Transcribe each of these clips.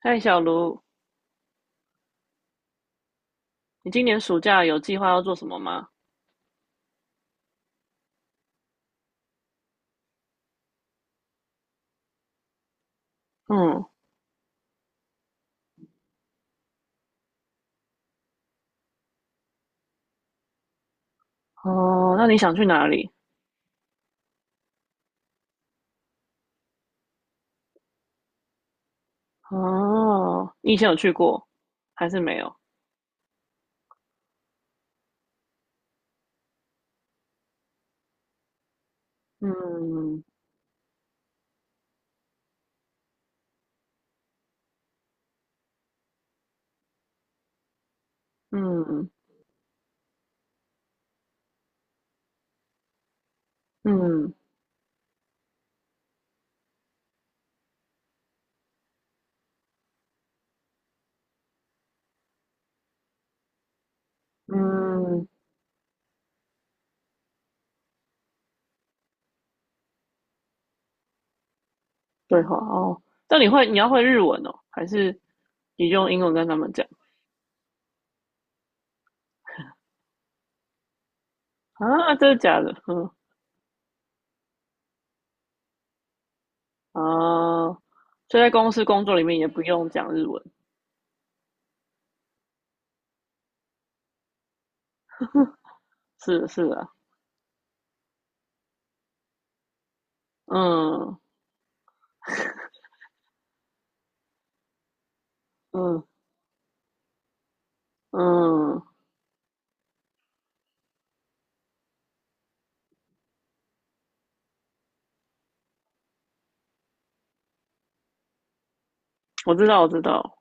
嗨，小卢，你今年暑假有计划要做什么吗？嗯，哦，那你想去哪里？哦，你以前有去过，还是没有？嗯嗯嗯嗯，对话哦。那你要会日文哦，还是你用英文跟他们讲？啊，真的假的？嗯啊。所以在公司工作里面也不用讲日文。是是啊，嗯嗯嗯，我知道我知道，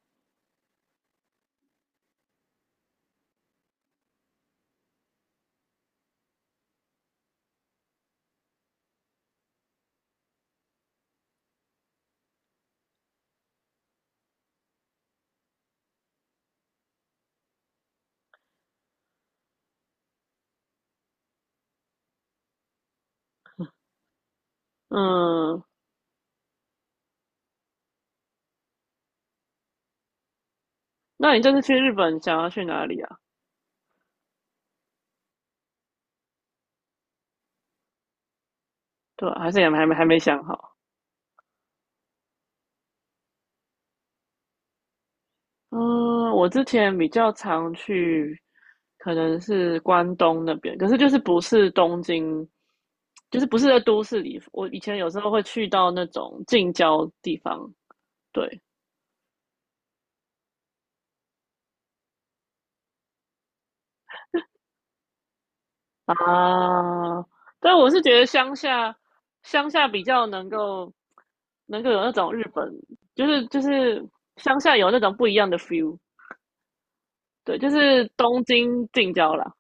嗯那你这次去日本想要去哪里啊？对啊，还是也还没想好。嗯，我之前比较常去，可能是关东那边，可是就是不是东京，就是不是在都市里。我以前有时候会去到那种近郊地方，对啊，但我是觉得乡下比较能够有那种日本，就是乡下有那种不一样的 feel，对，就是东京近郊啦。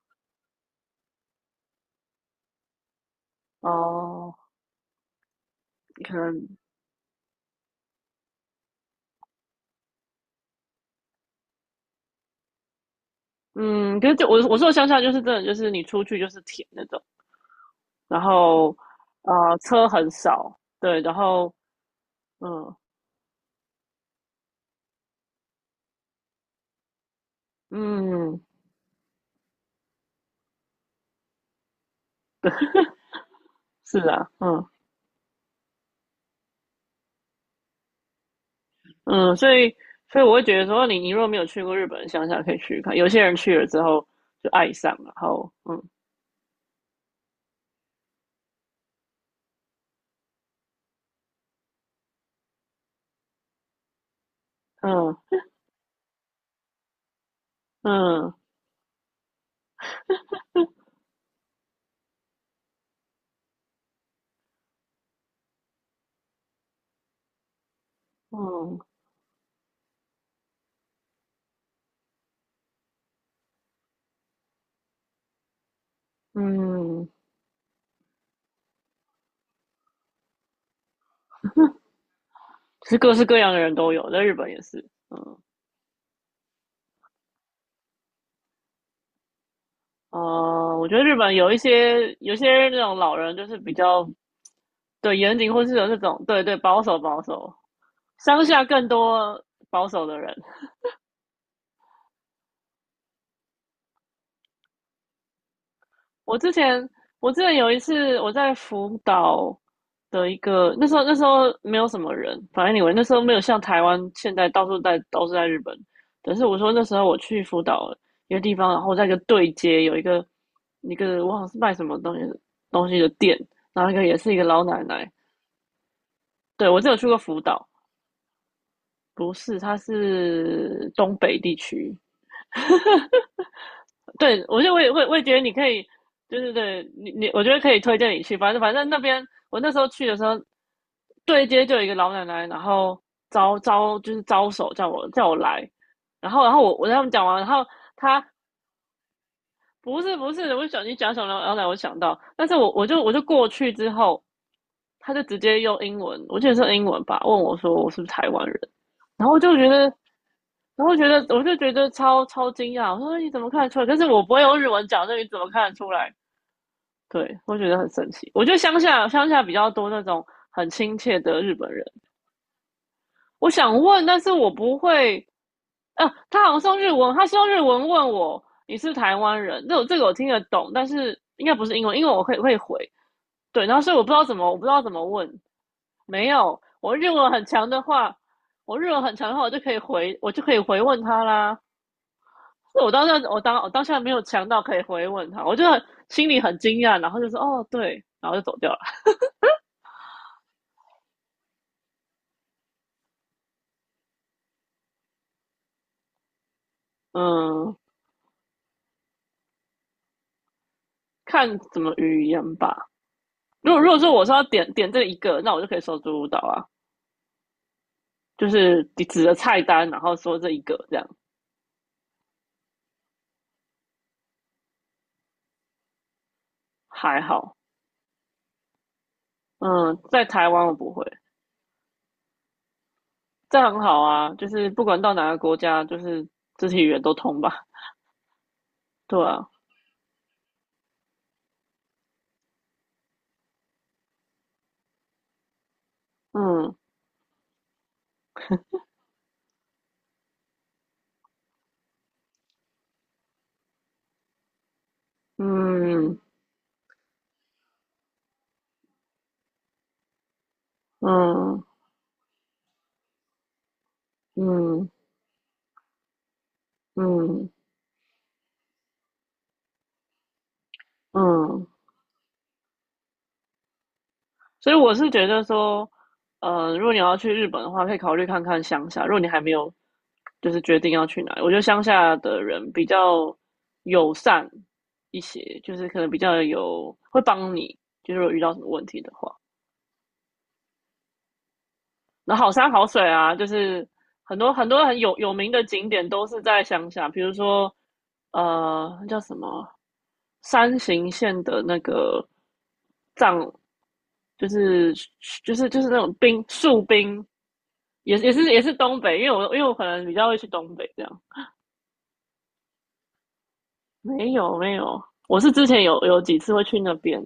哦，可能嗯，可是就我说的乡下就是真的就是你出去就是田那种，然后啊车很少，对，然后嗯嗯是啊，嗯嗯，所以我会觉得说你如果没有去过日本的乡下，可以去看，有些人去了之后就爱上，然后嗯嗯嗯嗯嗯，其实各式各样的人都有，在日本也是。嗯，我觉得日本有一些那种老人就是比较对，严谨或是有这种对对保守，乡下更多保守的人。我之前我之前有一次我在福岛的一个那时候没有什么人，反正你们那时候没有像台湾现在到处在都是在日本，但是我说那时候我去福岛一个地方，然后在一个对街有一个我好像是卖什么东西的店，然后一个也是一个老奶奶，对我只有去过福岛，不是，它是东北地区。对，我觉得我也会，我也觉得你可以，对对对，我觉得可以推荐你去。反正那边，我那时候去的时候，对接就有一个老奶奶，然后招招就是招手叫我来，然后我跟他们讲完，然后他不是不是，我想你讲什么老奶奶，我想到，但是我就过去之后，他就直接用英文，我记得是英文吧，问我说我是不是台湾人，然后我就觉得我就觉得超惊讶，我说你怎么看得出来？可是我不会用日文讲，那你怎么看得出来？对，我觉得很神奇。我觉得乡下比较多那种很亲切的日本人。我想问，但是我不会。他好像是用日文，他是用日文问我你是台湾人，这个我听得懂，但是应该不是英文，因为我会回。对，然后所以我不知道怎么问。没有，我日文很强的话，我就可以回问他啦。我当下没有强到可以回问他，我就心里很惊讶，然后就说哦对，然后就走掉了。嗯，看怎么语言吧。如果说我说要点点这一个，那我就可以说足舞蹈啊，就是指着菜单，然后说这一个这样还好。嗯，在台湾我不会，这很好啊，就是不管到哪个国家，就是肢体语言都通吧。对啊，嗯嗯嗯嗯嗯嗯，所以我是觉得说，如果你要去日本的话，可以考虑看看乡下。如果你还没有就是决定要去哪里，我觉得乡下的人比较友善一些，就是可能比较有会帮你，就是如果遇到什么问题的话。那好山好水啊，就是很多很多很有名的景点都是在乡下，比如说那叫什么山形县的那个藏，就是就是那种冰树冰也是东北，因为我可能比较会去东北这样。没有没有，我是之前有几次会去那边，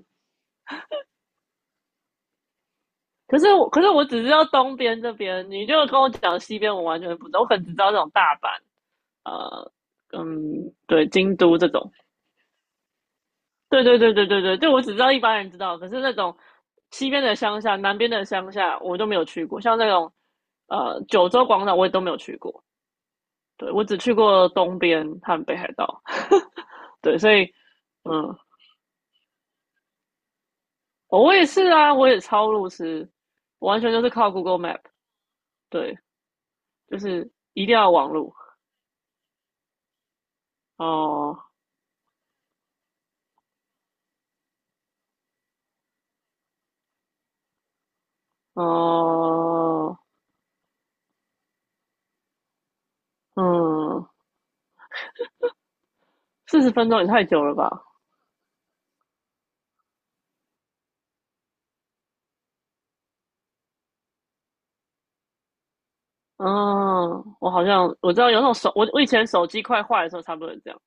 可是我只知道东边这边，你就跟我讲西边，我完全不知道，我可能只知道这种大阪，呃，嗯，对，京都这种。对对对对对对，就我只知道一般人知道，可是那种西边的乡下、南边的乡下，我都没有去过。像那种九州广场，我也都没有去过。对我只去过东边和北海道。对，所以嗯，哦，我也是啊，我也超路痴，我完全就是靠 Google Map。对，就是一定要网路。哦，哦，嗯，40分钟也太久了吧？嗯，我好像我知道有那种手，我以前手机快坏的时候差不多是这样。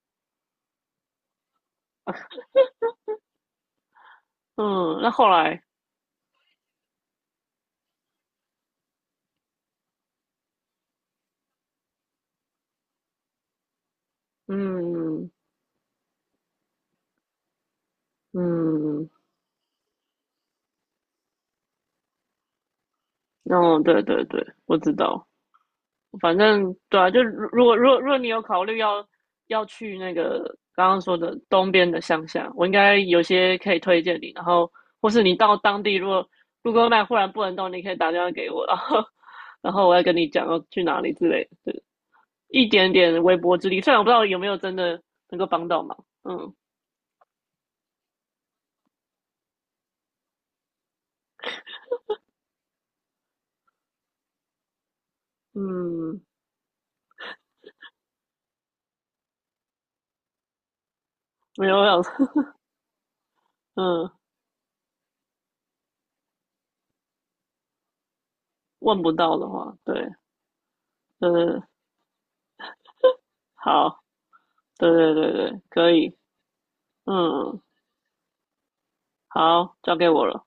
嗯，那后来，嗯嗯，哦，对对对，我知道。反正对啊，就如果你有考虑要去那个刚刚说的东边的乡下，我应该有些可以推荐你。然后，或是你到当地，如果 Google 忽然不能动，你可以打电话给我，然后我要跟你讲要去哪里之类的，一点点微薄之力。虽然我不知道有没有真的能够帮到忙，嗯嗯，没有想，嗯，问不到的话，对，嗯，好，对对对对，可以，嗯，好，交给我了。